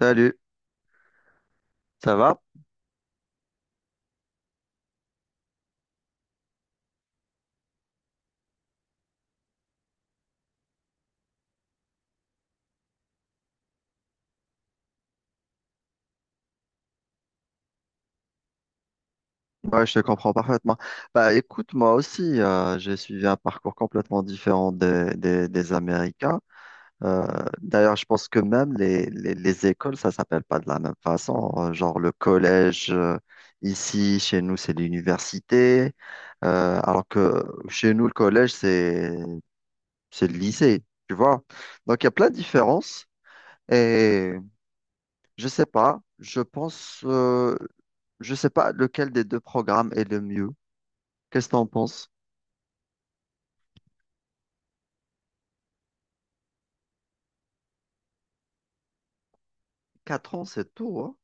Salut, ça va? Ouais, je te comprends parfaitement. Bah écoute, moi aussi, j'ai suivi un parcours complètement différent des Américains. Euh, D'ailleurs, je pense que même les écoles, ça s'appelle pas de la même façon. Genre le collège, ici, chez nous, c'est l'université. Alors que chez nous, le collège, c'est le lycée, tu vois. Donc il y a plein de différences. Et je sais pas. Je pense, je sais pas lequel des deux programmes est le mieux. Qu'est-ce que t'en penses? Quatre ans, c'est tout, hein?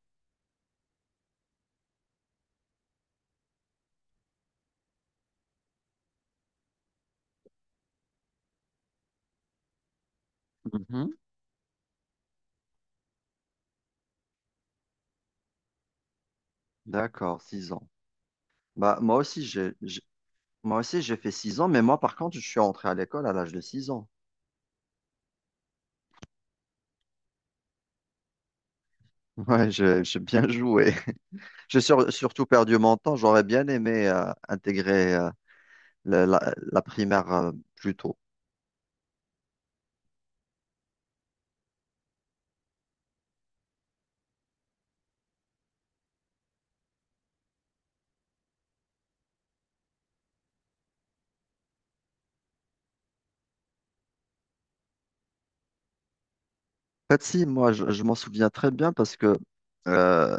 Mhm. D'accord, six ans. Bah, moi aussi, moi aussi, j'ai fait six ans, mais moi, par contre, je suis entré à l'école à l'âge de six ans. Ouais, j'ai bien joué. J'ai surtout perdu mon temps. J'aurais bien aimé intégrer la primaire plus tôt. En fait, si, moi, je m'en souviens très bien parce que euh,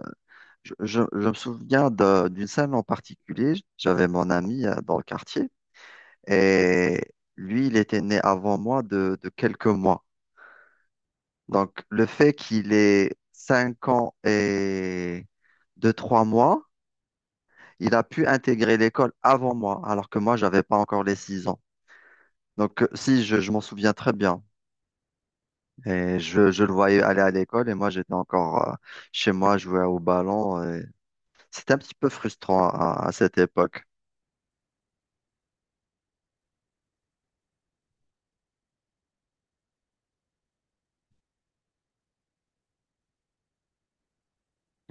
Je me souviens d'une scène en particulier. J'avais mon ami dans le quartier et lui, il était né avant moi de quelques mois. Donc, le fait qu'il ait 5 ans et deux trois mois, il a pu intégrer l'école avant moi, alors que moi, j'avais pas encore les 6 ans. Donc, si, je m'en souviens très bien. Et je le voyais aller à l'école et moi, j'étais encore chez moi, jouer au ballon. Et c'était un petit peu frustrant à cette époque.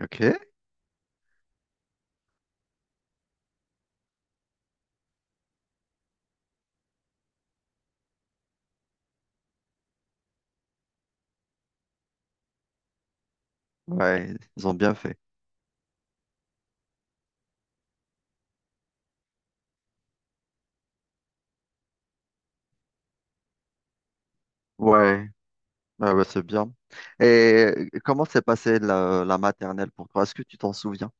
OK. Ouais, ils ont bien fait. Ouais, ouais, ouais, c'est bien. Et comment s'est passée la maternelle pour toi? Est-ce que tu t'en souviens?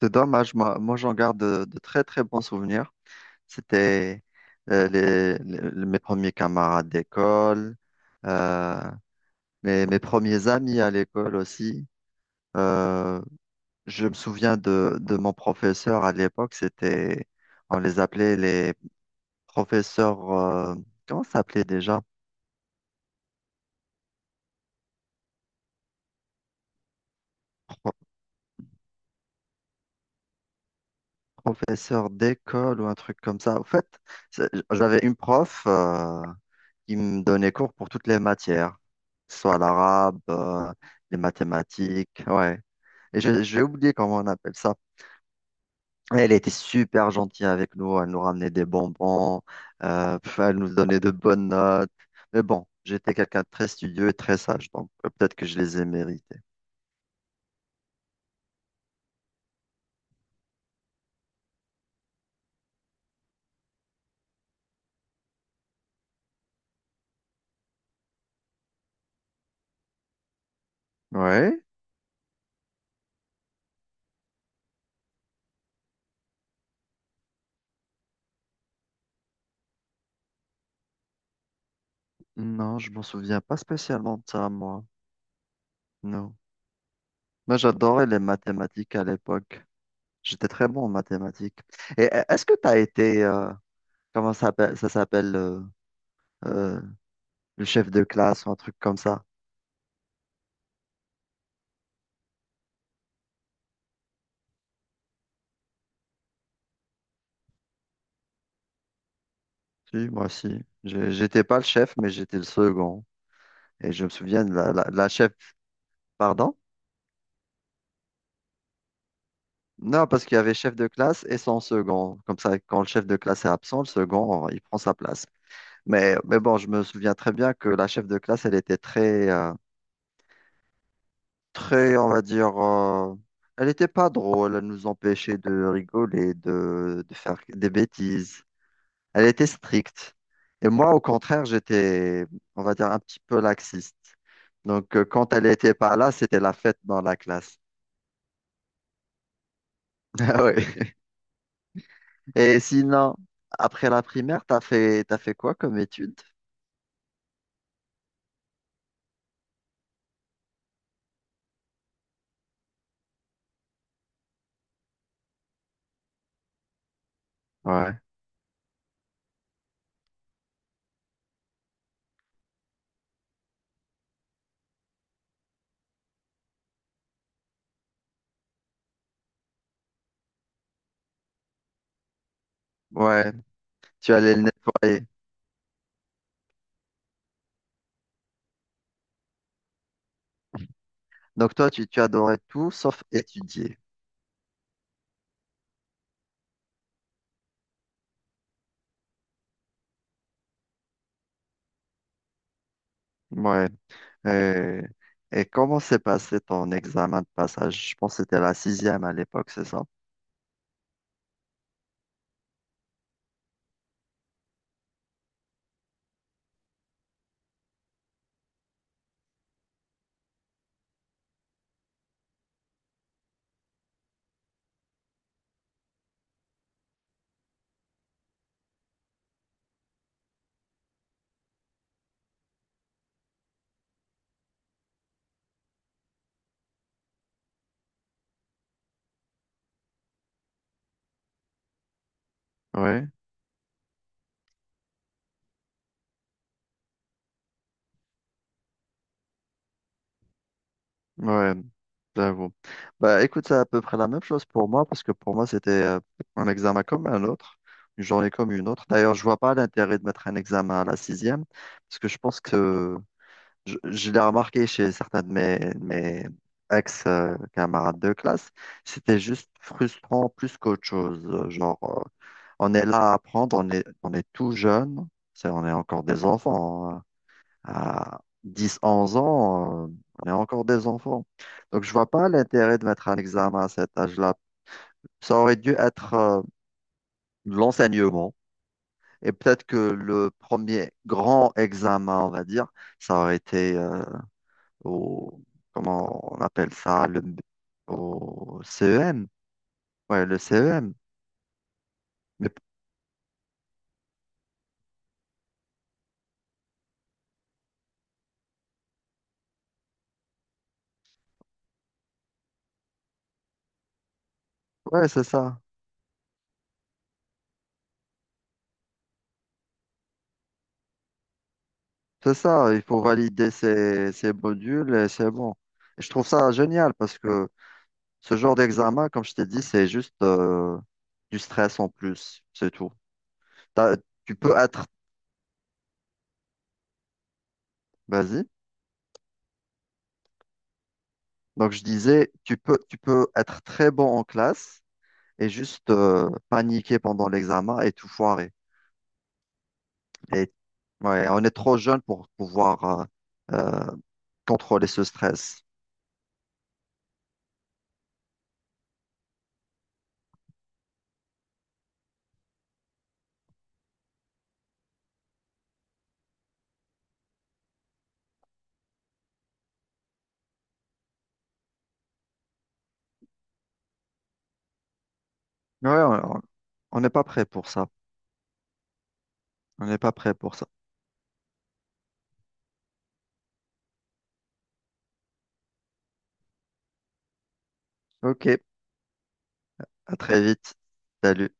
C'est dommage, moi, moi j'en garde de très très bons souvenirs. C'était mes premiers camarades d'école, euh, mes premiers amis à l'école aussi. Euh, je me souviens de mon professeur à l'époque, c'était, on les appelait les professeurs, comment ça s'appelait déjà? Professeur d'école ou un truc comme ça. Au fait, j'avais une prof qui me donnait cours pour toutes les matières, que ce soit l'arabe, les mathématiques, ouais. Et j'ai oublié comment on appelle ça. Elle était super gentille avec nous, elle nous ramenait des bonbons, pff, elle nous donnait de bonnes notes. Mais bon, j'étais quelqu'un de très studieux et très sage, donc peut-être que je les ai mérités. Ouais? Non, je m'en souviens pas spécialement de ça, moi. Non. Moi, j'adorais les mathématiques à l'époque. J'étais très bon en mathématiques. Et est-ce que tu as été, comment ça s'appelle euh, le chef de classe ou un truc comme ça? Si, moi aussi. J'étais pas le chef, mais j'étais le second. Et je me souviens de la chef, pardon? Non, parce qu'il y avait chef de classe et son second. Comme ça, quand le chef de classe est absent, le second, il prend sa place. Mais bon, je me souviens très bien que la chef de classe, elle était très, très, on va dire, elle n'était pas drôle, elle nous empêchait de rigoler, de faire des bêtises. Elle était stricte. Et moi, au contraire, j'étais, on va dire, un petit peu laxiste. Donc, quand elle n'était pas là, c'était la fête dans la classe. Ah ouais. Et sinon, après la primaire, t'as fait quoi comme études? Ouais. Ouais, tu allais le nettoyer. Donc, toi, tu adorais tout sauf étudier. Ouais. Euh, et comment s'est passé ton examen de passage? Je pense que c'était la sixième à l'époque, c'est ça? Oui. Ouais, j'avoue. Bah écoute, c'est à peu près la même chose pour moi, parce que pour moi, c'était un examen comme un autre, une journée comme une autre. D'ailleurs, je vois pas l'intérêt de mettre un examen à la sixième, parce que je pense que je l'ai remarqué chez certains de de mes ex-camarades de classe, c'était juste frustrant plus qu'autre chose. Genre, on est là à apprendre, on est tout jeune, c'est, on est encore des enfants, hein. À 10, 11 ans, on est encore des enfants. Donc, je vois pas l'intérêt de mettre un examen à cet âge-là. Ça aurait dû être l'enseignement. Et peut-être que le premier grand examen, on va dire, ça aurait été au, comment on appelle ça, le, au CEM. Ouais, le CEM. Mais, ouais, c'est ça. C'est ça, il faut valider ces modules et c'est bon. Et je trouve ça génial parce que ce genre d'examen, comme je t'ai dit, c'est juste du stress en plus, c'est tout. T'as- Tu peux être, vas-y. Donc je disais, tu peux être très bon en classe et juste paniquer pendant l'examen et tout foirer. Et ouais, on est trop jeune pour pouvoir euh, contrôler ce stress. Ouais, on n'est pas prêt pour ça. On n'est pas prêt pour ça. Ok, à très vite. Salut.